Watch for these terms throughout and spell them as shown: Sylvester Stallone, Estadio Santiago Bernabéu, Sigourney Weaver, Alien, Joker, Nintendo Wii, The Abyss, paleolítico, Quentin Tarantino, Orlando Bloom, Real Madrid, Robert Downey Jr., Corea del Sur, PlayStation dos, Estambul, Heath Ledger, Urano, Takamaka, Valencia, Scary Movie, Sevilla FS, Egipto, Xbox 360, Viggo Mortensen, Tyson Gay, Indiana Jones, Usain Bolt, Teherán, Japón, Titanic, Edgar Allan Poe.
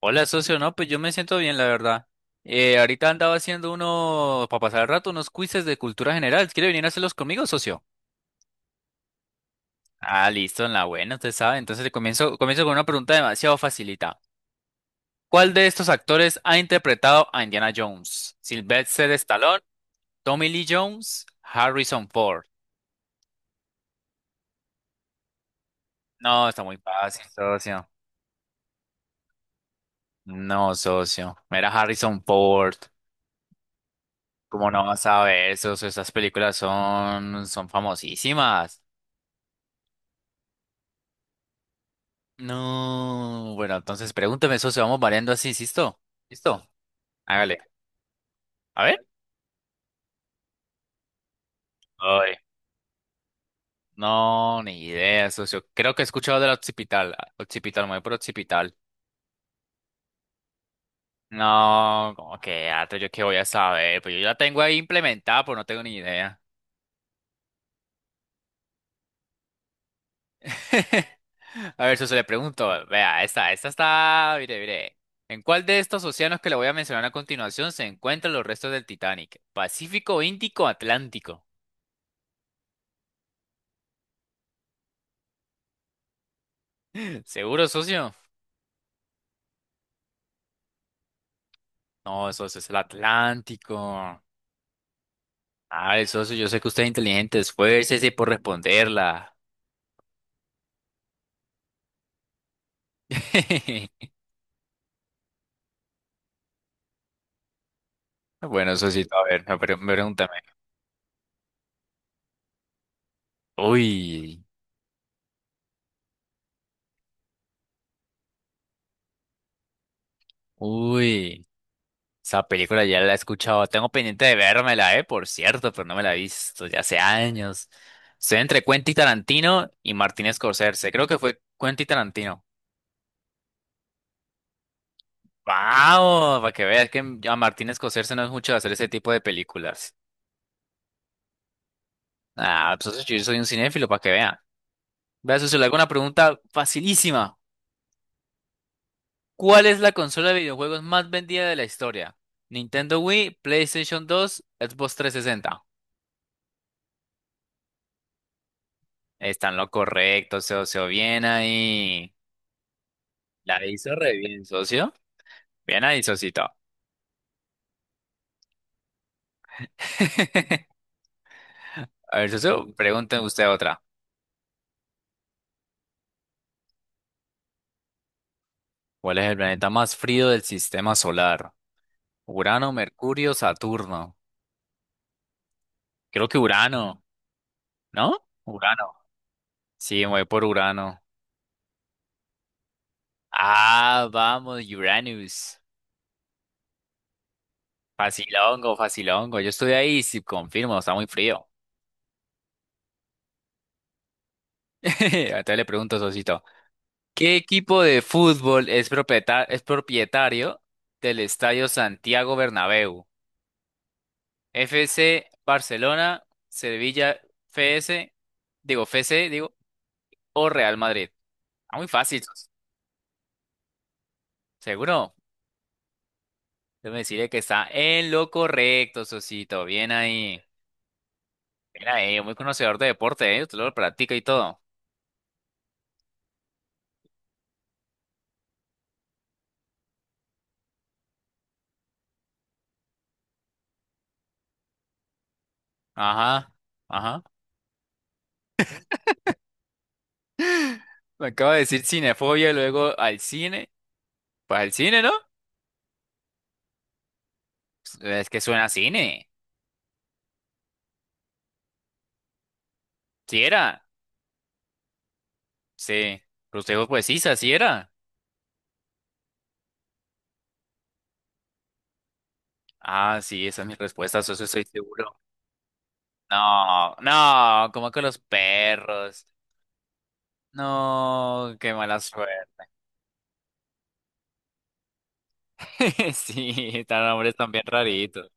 Hola, socio. No, pues yo me siento bien, la verdad. Ahorita andaba haciendo uno, para pasar el rato, unos quizzes de cultura general. ¿Quiere venir a hacerlos conmigo, socio? Ah, listo, en la buena, usted sabe. Entonces le comienzo con una pregunta demasiado facilita. ¿Cuál de estos actores ha interpretado a Indiana Jones? ¿Sylvester Stallone, Tommy Lee Jones, Harrison Ford? No, está muy fácil, socio. No, socio. Era Harrison Ford. ¿Cómo no vas a ver, socio? Esas películas son famosísimas. No, bueno, entonces pregúnteme, socio, vamos variando así, ¿listo? ¿Listo? Hágale. A ver. Ay, no, ni idea, socio. Creo que he escuchado del occipital. Ah, occipital, me voy por occipital. No, como que gato, yo qué voy a saber. Pues yo ya la tengo ahí implementada, pues no tengo ni idea. A ver, socio, le pregunto. Vea, esta está. Mire, mire. ¿En cuál de estos océanos que le voy a mencionar a continuación se encuentran los restos del Titanic? ¿Pacífico, Índico, Atlántico? ¿Seguro, socio? No, eso es el Atlántico. Ah, eso, yo sé que usted es inteligente, esfuércese por responderla. Bueno, eso sí, a ver, me pregúntame. Uy, uy, esa película ya la he escuchado. Tengo pendiente de vérmela, por cierto, pero no me la he visto ya hace años. Estoy entre Quentin Tarantino y Martin Scorsese. Creo que fue Quentin Tarantino. ¡Wow! Para que veas que a Martin Scorsese no es mucho de hacer ese tipo de películas. Ah, pues yo soy un cinéfilo, para que vean. Vea, socio, le hago una pregunta facilísima. ¿Cuál es la consola de videojuegos más vendida de la historia? Nintendo Wii, PlayStation 2, Xbox 360. Está en lo correcto, socio. Bien ahí. La hizo re bien, socio. Bien ahí, socito. A ver, socio, pregúnteme usted otra. ¿Cuál es el planeta más frío del sistema solar? Urano, Mercurio, Saturno. Creo que Urano, ¿no? Urano. Sí, me voy por Urano. Ah, vamos, Uranus. Facilongo, facilongo. Yo estoy ahí, sí, confirmo, está muy frío. Entonces le pregunto, Sosito, ¿qué equipo de fútbol es propietario del Estadio Santiago Bernabéu? FC Barcelona, Sevilla FS, digo FC, digo, o Real Madrid. Está muy fácil, Sos. ¿Seguro? Déjame decirle que está en lo correcto, Sosito. Bien ahí. Bien ahí, muy conocedor de deporte, ¿eh? Usted lo practica y todo. Ajá, ajá. Me acaba de decir cinefobia y luego al cine. Pues al cine, ¿no? Es que suena a cine. Sí era. Sí. Usted dijo, pues sí, así era. Ah, sí, esa es mi respuesta, eso estoy seguro. No, no, como con los perros. No, qué mala suerte. Sí, están nombres también raritos.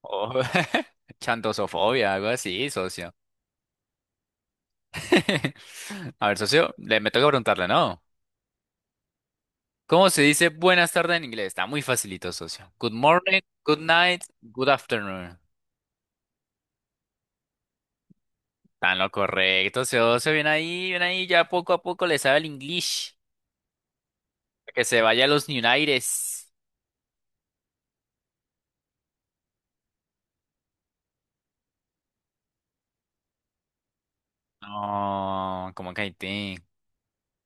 Oh, Chantosofobia, algo así, socio. A ver, socio, le me toca preguntarle, ¿no? ¿Cómo se dice buenas tardes en inglés? Está muy facilito, socio. Good morning, good night, good afternoon. Está en lo correcto, socio. Bien ahí, bien ahí. Ya poco a poco le sabe el inglés. Que se vaya a los Unites. No, como que Haití.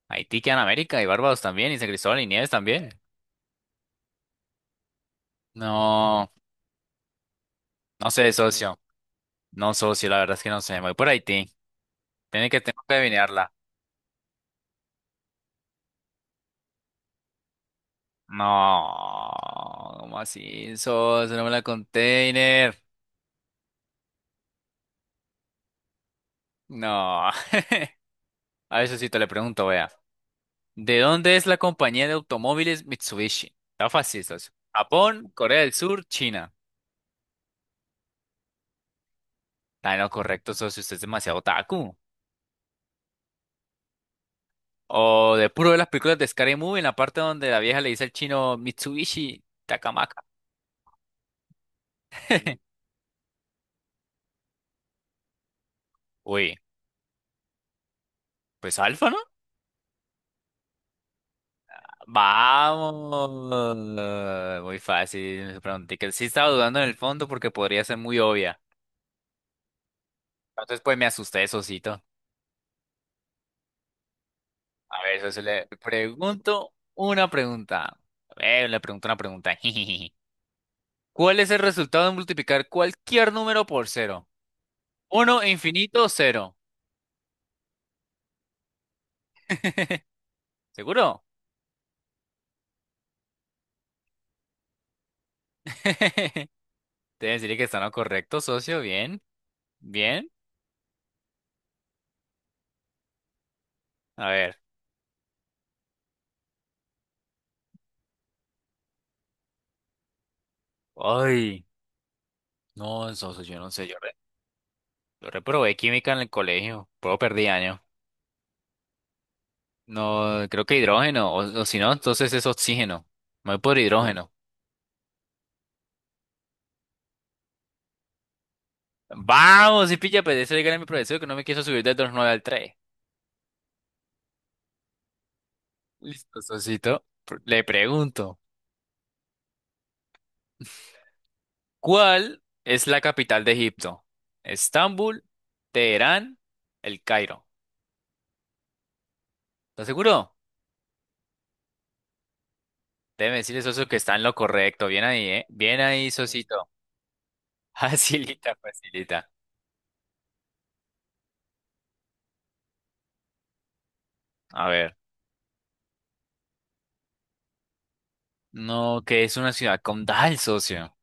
Haití queda en América y Barbados también y San Cristóbal y Nieves también. No, no sé, socio. No, socio, la verdad es que no sé. Me voy por Haití. Tiene que, tengo que adivinarla. No, ¿cómo así, socio? No me la container. No. A eso sí te le pregunto, vea. ¿De dónde es la compañía de automóviles Mitsubishi? Está fácil, socio. Japón, Corea del Sur, China. Está en lo correcto, socio. Usted es demasiado otaku. O de puro de las películas de Scary Movie, en la parte donde la vieja le dice al chino Mitsubishi Takamaka. Uy, pues Alfa, ¿no? Vamos. Muy fácil. Me pregunté que sí estaba dudando en el fondo porque podría ser muy obvia. Entonces, pues me asusté, socito. A ver, eso le pregunto una pregunta. A ver, le pregunto una pregunta. ¿Cuál es el resultado de multiplicar cualquier número por cero? Uno, infinito, cero. ¿Seguro? Te deciré que está en lo correcto, socio. Bien, bien. A ver. Ay, no, socio, yo no sé. Yo reprobé química en el colegio. Puedo perdí año. No, creo que hidrógeno. O si no, entonces es oxígeno. Me voy por hidrógeno. Vamos, y pilla, pues eso dígale a mi profesor que no me quiso subir del dos nueve al tres. Listo, socito. Le pregunto, ¿cuál es la capital de Egipto? ¿Estambul, Teherán, El Cairo? ¿Estás seguro? Debe decirle, socio, que está en lo correcto. Bien ahí, ¿eh? Bien ahí, socito. Facilita, facilita. A ver. No, que es una ciudad condal, socio.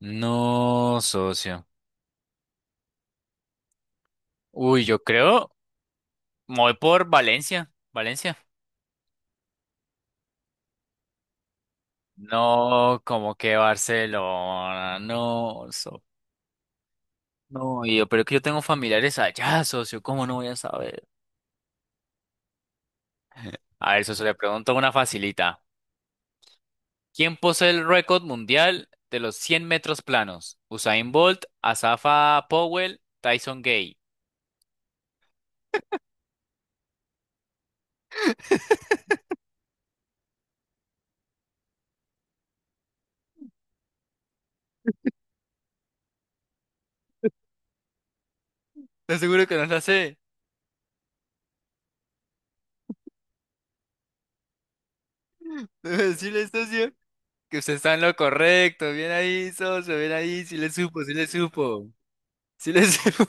No, socio. Uy, yo creo, me voy por Valencia. Valencia. No, como que Barcelona, no, so- no, y yo, pero es que yo tengo familiares allá, socio, ¿cómo no voy a saber? A ver, socio, le pregunto una facilita. ¿Quién posee el récord mundial de los 100 metros planos? Usain Bolt, Asafa Powell, Tyson Gay. Te seguro que no la sé. Debe decirle, socio, que usted está en lo correcto. Bien ahí, socio, bien ahí, sí le supo, sí le supo, sí le supo.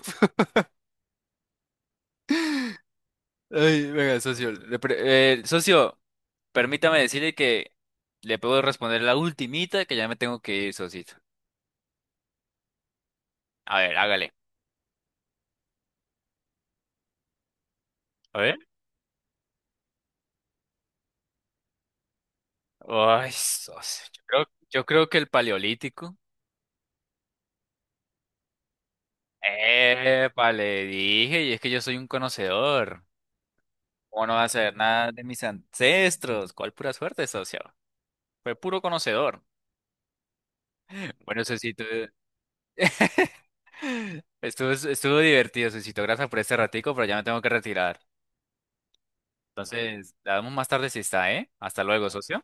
Ay, venga, socio. Socio, permítame decirle que le puedo responder la ultimita que ya me tengo que ir, socito. A ver, hágale. A ver. Ay, socio. Yo creo que el paleolítico. Epa, le dije, y es que yo soy un conocedor. ¿Cómo no va a saber nada de mis ancestros? ¿Cuál pura suerte, socio? Fue puro conocedor. Bueno, socito, estuvo divertido, socito. Gracias por este ratico, pero ya me tengo que retirar. Entonces, la damos más tarde si está, ¿eh? Hasta luego, socio.